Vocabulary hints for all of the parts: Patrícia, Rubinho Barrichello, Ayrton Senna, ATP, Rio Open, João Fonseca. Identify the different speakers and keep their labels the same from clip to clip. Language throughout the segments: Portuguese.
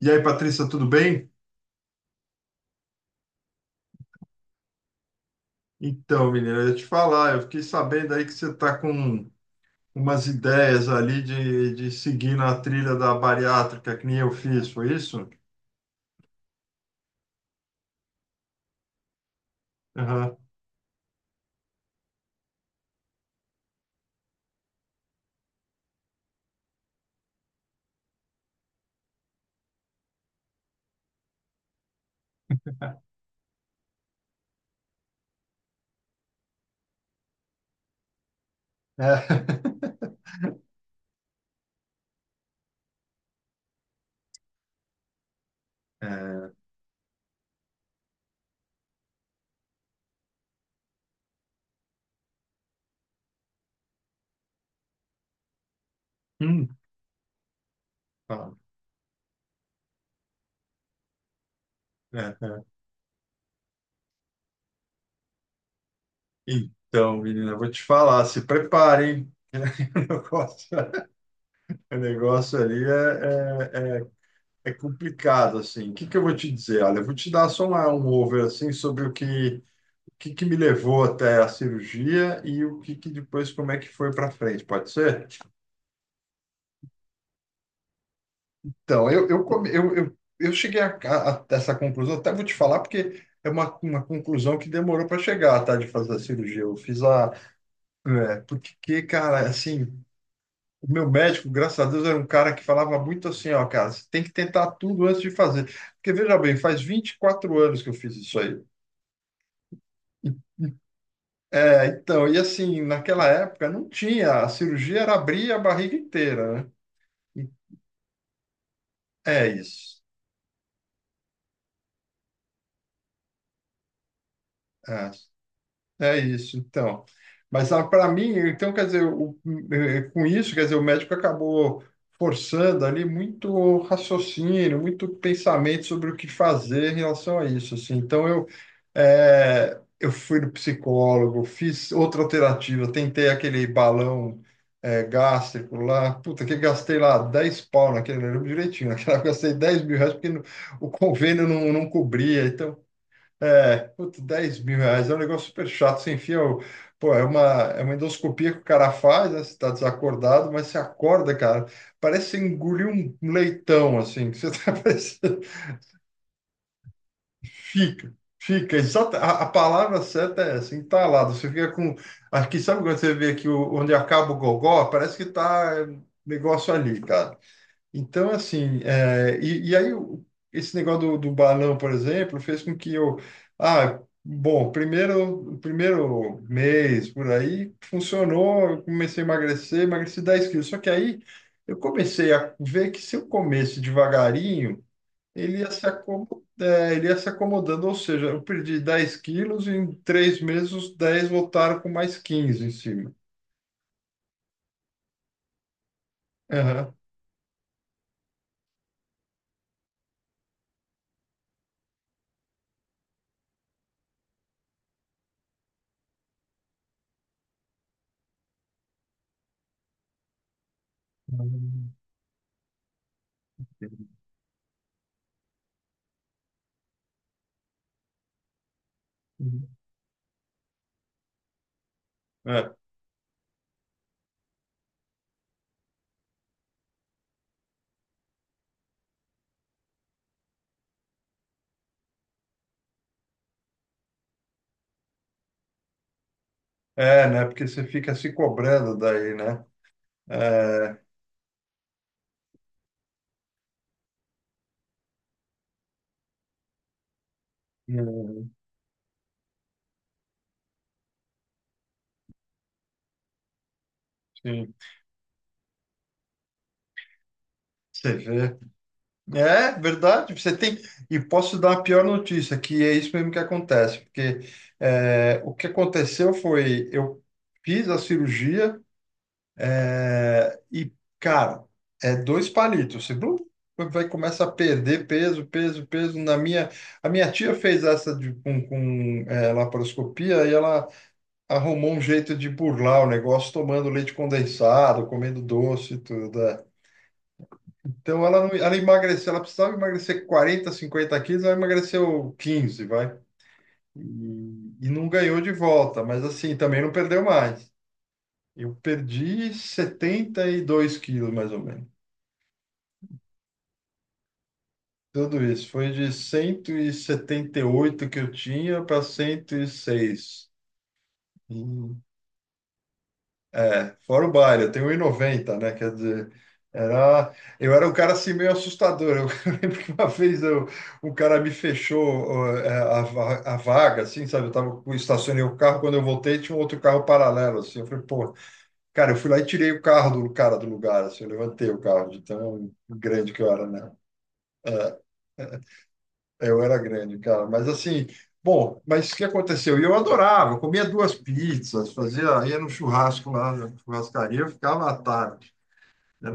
Speaker 1: E aí, Patrícia, tudo bem? Então, menina, eu ia te falar, eu fiquei sabendo aí que você está com umas ideias ali de seguir na trilha da bariátrica, que nem eu fiz, foi isso? Aham. É. É. Hum. Tá. É, é. Então, menina, eu vou te falar, se preparem. O o negócio ali é complicado, assim. O que que eu vou te dizer? Olha, eu vou te dar só um over, assim, sobre o que que me levou até a cirurgia e o que que depois, como é que foi para frente, pode ser? Então, eu, come- eu cheguei a essa conclusão, até vou te falar, porque é uma conclusão que demorou para chegar, tá, de fazer a cirurgia. Eu fiz a... É, porque, cara, assim, o meu médico, graças a Deus, era um cara que falava muito assim, ó, cara, você tem que tentar tudo antes de fazer. Porque, veja bem, faz 24 anos que eu fiz isso aí. É, então, e assim, naquela época não tinha, a cirurgia era abrir a barriga inteira, né? É isso. É. É isso, então. Mas para mim, então, quer dizer, com isso, quer dizer, o médico acabou forçando ali muito raciocínio, muito pensamento sobre o que fazer em relação a isso, assim. Então, eu fui no psicólogo, fiz outra alternativa, tentei aquele balão, gástrico lá, puta, que gastei lá 10 pau naquele, eu lembro direitinho, naquela gastei R$ 10.000 porque não- o convênio não cobria, então... É, putz, R$ 10.000 é um negócio super chato. Você enfia o. Pô, é uma endoscopia que o cara faz, né? Você tá desacordado, mas você acorda, cara. Parece que você engoliu um leitão, assim, que você tá parecendo. Fica, fica. Exata, a palavra certa é essa, entalado. Você fica com. Aqui, sabe quando você vê aqui onde acaba o gogó? Parece que tá é, negócio ali, cara. Então, assim, e aí esse negócio do balão, por exemplo, fez com que eu, ah, bom, primeiro, primeiro mês por aí funcionou, eu comecei a emagrecer, emagreci 10 quilos. Só que aí eu comecei a ver que se eu comesse devagarinho, ele ia se acomodando, ou seja, eu perdi 10 quilos e em 3 meses os 10 voltaram com mais 15 em cima. Aham. Uhum. É, né? Porque você fica se cobrando daí, né? É, hum, sim, você vê. É verdade, você tem. E posso dar a pior notícia, que é isso mesmo que acontece, porque é, o que aconteceu foi, eu fiz a cirurgia é, e, cara, é dois palitos. Você blum, vai começa a perder peso, peso, peso. Na minha, a minha tia fez essa com é, laparoscopia e ela arrumou um jeito de burlar o negócio tomando leite condensado, comendo doce e tudo. É. Então ela, não- ela emagreceu, ela precisava emagrecer 40, 50 quilos, ela emagreceu 15, vai. E, e não ganhou de volta, mas assim, também não perdeu mais. Eu perdi 72 quilos, mais ou menos. Tudo isso. Foi de 178 que eu tinha para 106. E seis. E fora o baile, eu tenho 1,90, né? Quer dizer, era, eu era um cara assim meio assustador. Eu lembro que uma vez eu, um cara me fechou ó, é, a vaga, assim, sabe? Eu tava, eu estacionei o carro, quando eu voltei tinha um outro carro paralelo, assim. Eu falei, pô, cara, eu fui lá e tirei o carro do cara do lugar, assim, eu levantei o carro de tão grande que eu era, né? É, eu era grande, cara, mas assim. Bom, mas o que aconteceu? E eu adorava, eu comia duas pizzas, fazia, ia no churrasco lá, na churrascaria, eu ficava à tarde. Né?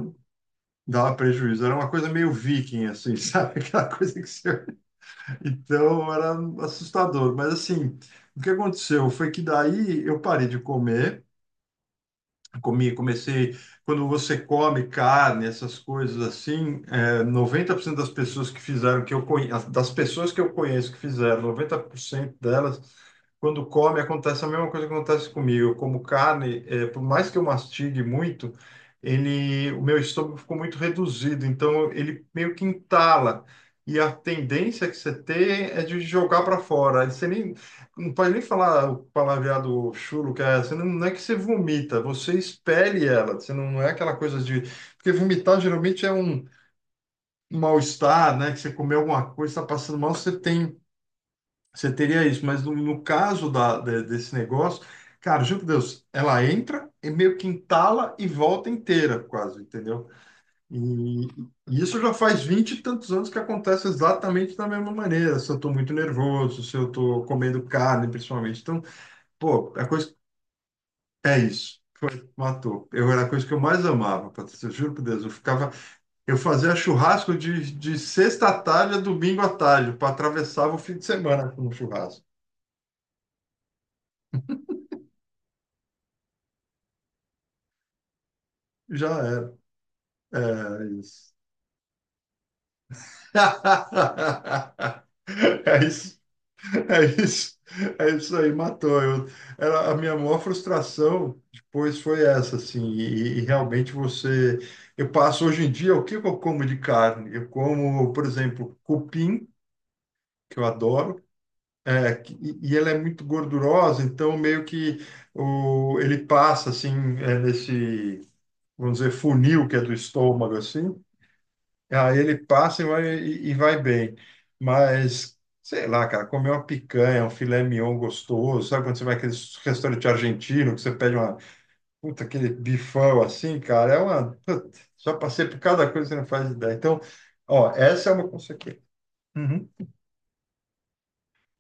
Speaker 1: Dava prejuízo. Era uma coisa meio viking, assim, sabe? Aquela coisa que você... Então, era assustador. Mas, assim, o que aconteceu foi que daí eu parei de comer. Comi, comecei. Quando você come carne, essas coisas assim, é, 90% das pessoas que fizeram, que eu conheço, das pessoas que eu conheço que fizeram, 90% delas, quando come, acontece a mesma coisa que acontece comigo. Eu como carne, é, por mais que eu mastigue muito, ele, o meu estômago ficou muito reduzido, então ele meio que entala. E a tendência que você tem é de jogar para fora. Você nem, não pode nem falar o palavreado chulo, que é, você não é que você vomita, você expele ela. Você não é aquela coisa de. Porque vomitar geralmente é um mal-estar, né? Que você comeu alguma coisa, está passando mal, você tem, você teria isso. Mas no caso da, desse negócio, cara, juro por Deus, ela entra e meio que entala e volta inteira, quase, entendeu? E, e isso já faz 20 e tantos anos que acontece exatamente da mesma maneira. Se eu estou muito nervoso, se eu estou comendo carne, principalmente. Então, pô, é coisa. É isso, matou. Eu era a coisa que eu mais amava, Patrícia, eu juro por Deus. Eu ficava, eu fazia churrasco de sexta à tarde a domingo à tarde, para atravessava o fim de semana com o churrasco. Já era. É isso. É isso, é isso, é isso aí, matou. Eu, era a minha maior frustração depois foi essa, assim, e realmente você. Eu passo hoje em dia, o que que eu como de carne? Eu como, por exemplo, cupim, que eu adoro, é, e ela é muito gordurosa, então meio que o, ele passa assim, é, nesse, vamos dizer, funil que é do estômago, assim, aí ele passa e vai, e vai bem. Mas, sei lá, cara, comer uma picanha, um filé mignon gostoso, sabe quando você vai naqueles restaurante argentino, que você pede uma, puta, aquele bifão assim, cara, é uma, puta, já passei por cada coisa que você não faz ideia. Então, ó, essa é uma consequência. Uhum.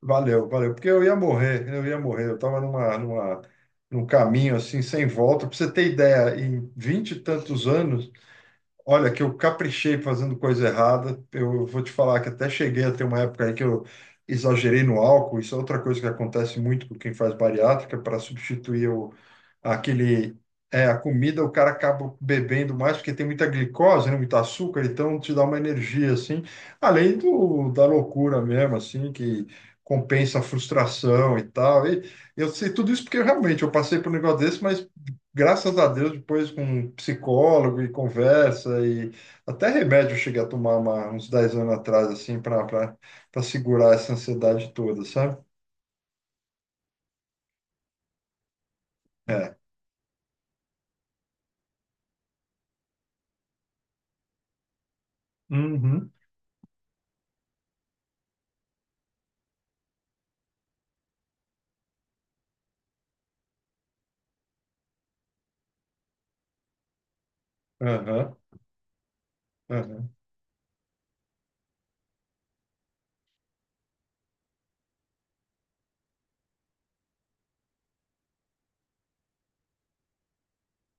Speaker 1: Valeu, valeu. Porque eu ia morrer, eu ia morrer. Eu estava num caminho assim, sem volta. Para você ter ideia, em 20 e tantos anos, olha, que eu caprichei fazendo coisa errada. Eu vou te falar que até cheguei a ter uma época aí que eu exagerei no álcool. Isso é outra coisa que acontece muito com quem faz bariátrica, para substituir o, aquele, é, a comida, o cara acaba bebendo mais, porque tem muita glicose, né, muito açúcar, então te dá uma energia, assim, além do, da loucura mesmo, assim, que compensa a frustração e tal. E eu sei tudo isso porque realmente eu passei por um negócio desse, mas graças a Deus, depois com um psicólogo e conversa e até remédio eu cheguei a tomar uns 10 anos atrás, assim, para segurar essa ansiedade toda, sabe? É. Uhum, aham, aham.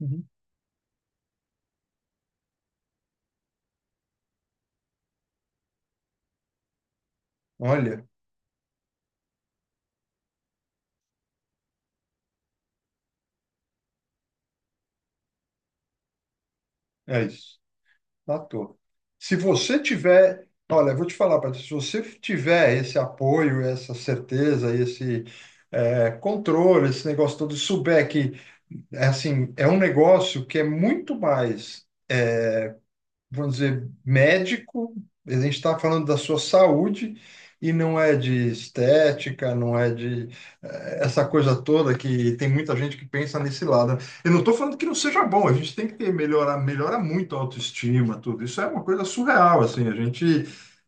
Speaker 1: Uhum. Olha, é isso. Matou. Se você tiver, olha, eu vou te falar, Patrícia, se você tiver esse apoio, essa certeza, esse controle, esse negócio todo, e souber que, é assim, é um negócio que é muito mais, vamos dizer, médico, a gente está falando da sua saúde e não é de estética, não é de essa coisa toda que tem muita gente que pensa nesse lado. Eu não estou falando que não seja bom, a gente tem que ter, melhorar, melhora muito a autoestima, tudo. Isso é uma coisa surreal, assim, a gente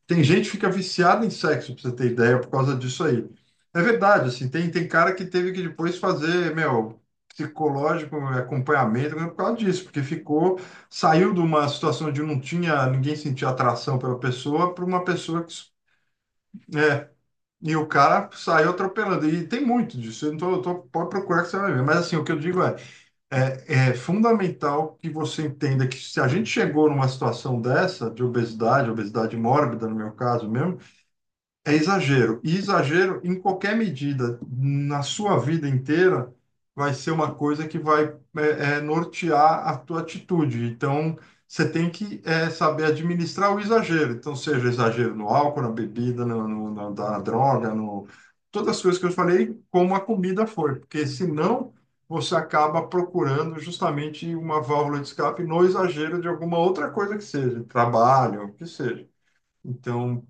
Speaker 1: tem gente que fica viciada em sexo, para você ter ideia, por causa disso aí. É verdade, assim, tem cara que teve que depois fazer, meu, psicológico, acompanhamento, por causa disso, porque ficou saiu de uma situação de não tinha, ninguém sentia atração pela pessoa, para uma pessoa que. É, e o cara saiu atropelando. E tem muito disso. Eu não tô, eu tô- pode procurar que você vai ver. Mas assim, o que eu digo é, é fundamental que você entenda que se a gente chegou numa situação dessa, de obesidade, obesidade mórbida, no meu caso mesmo, é exagero. E exagero em qualquer medida, na sua vida inteira, vai ser uma coisa que vai nortear a tua atitude. Então, você tem que é, saber administrar o exagero. Então, seja exagero no álcool, na bebida, na droga, no... todas as coisas que eu falei, como a comida foi. Porque senão você acaba procurando justamente uma válvula de escape no exagero de alguma outra coisa que seja, trabalho, o que seja. Então,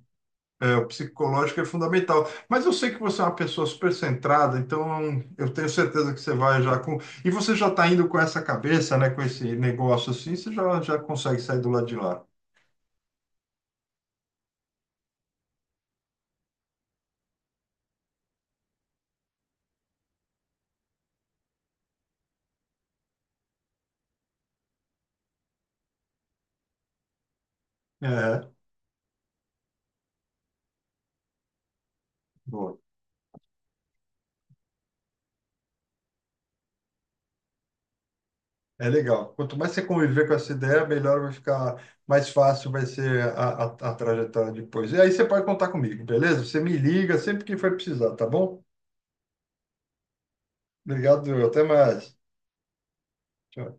Speaker 1: é, o psicológico é fundamental. Mas eu sei que você é uma pessoa super centrada, então eu tenho certeza que você vai já com. E você já está indo com essa cabeça, né? Com esse negócio assim, você já consegue sair do lado de lá. É, boa. É legal. Quanto mais você conviver com essa ideia, melhor vai ficar, mais fácil vai ser a trajetória depois. E aí você pode contar comigo, beleza? Você me liga sempre que for precisar, tá bom? Obrigado, até mais. Tchau.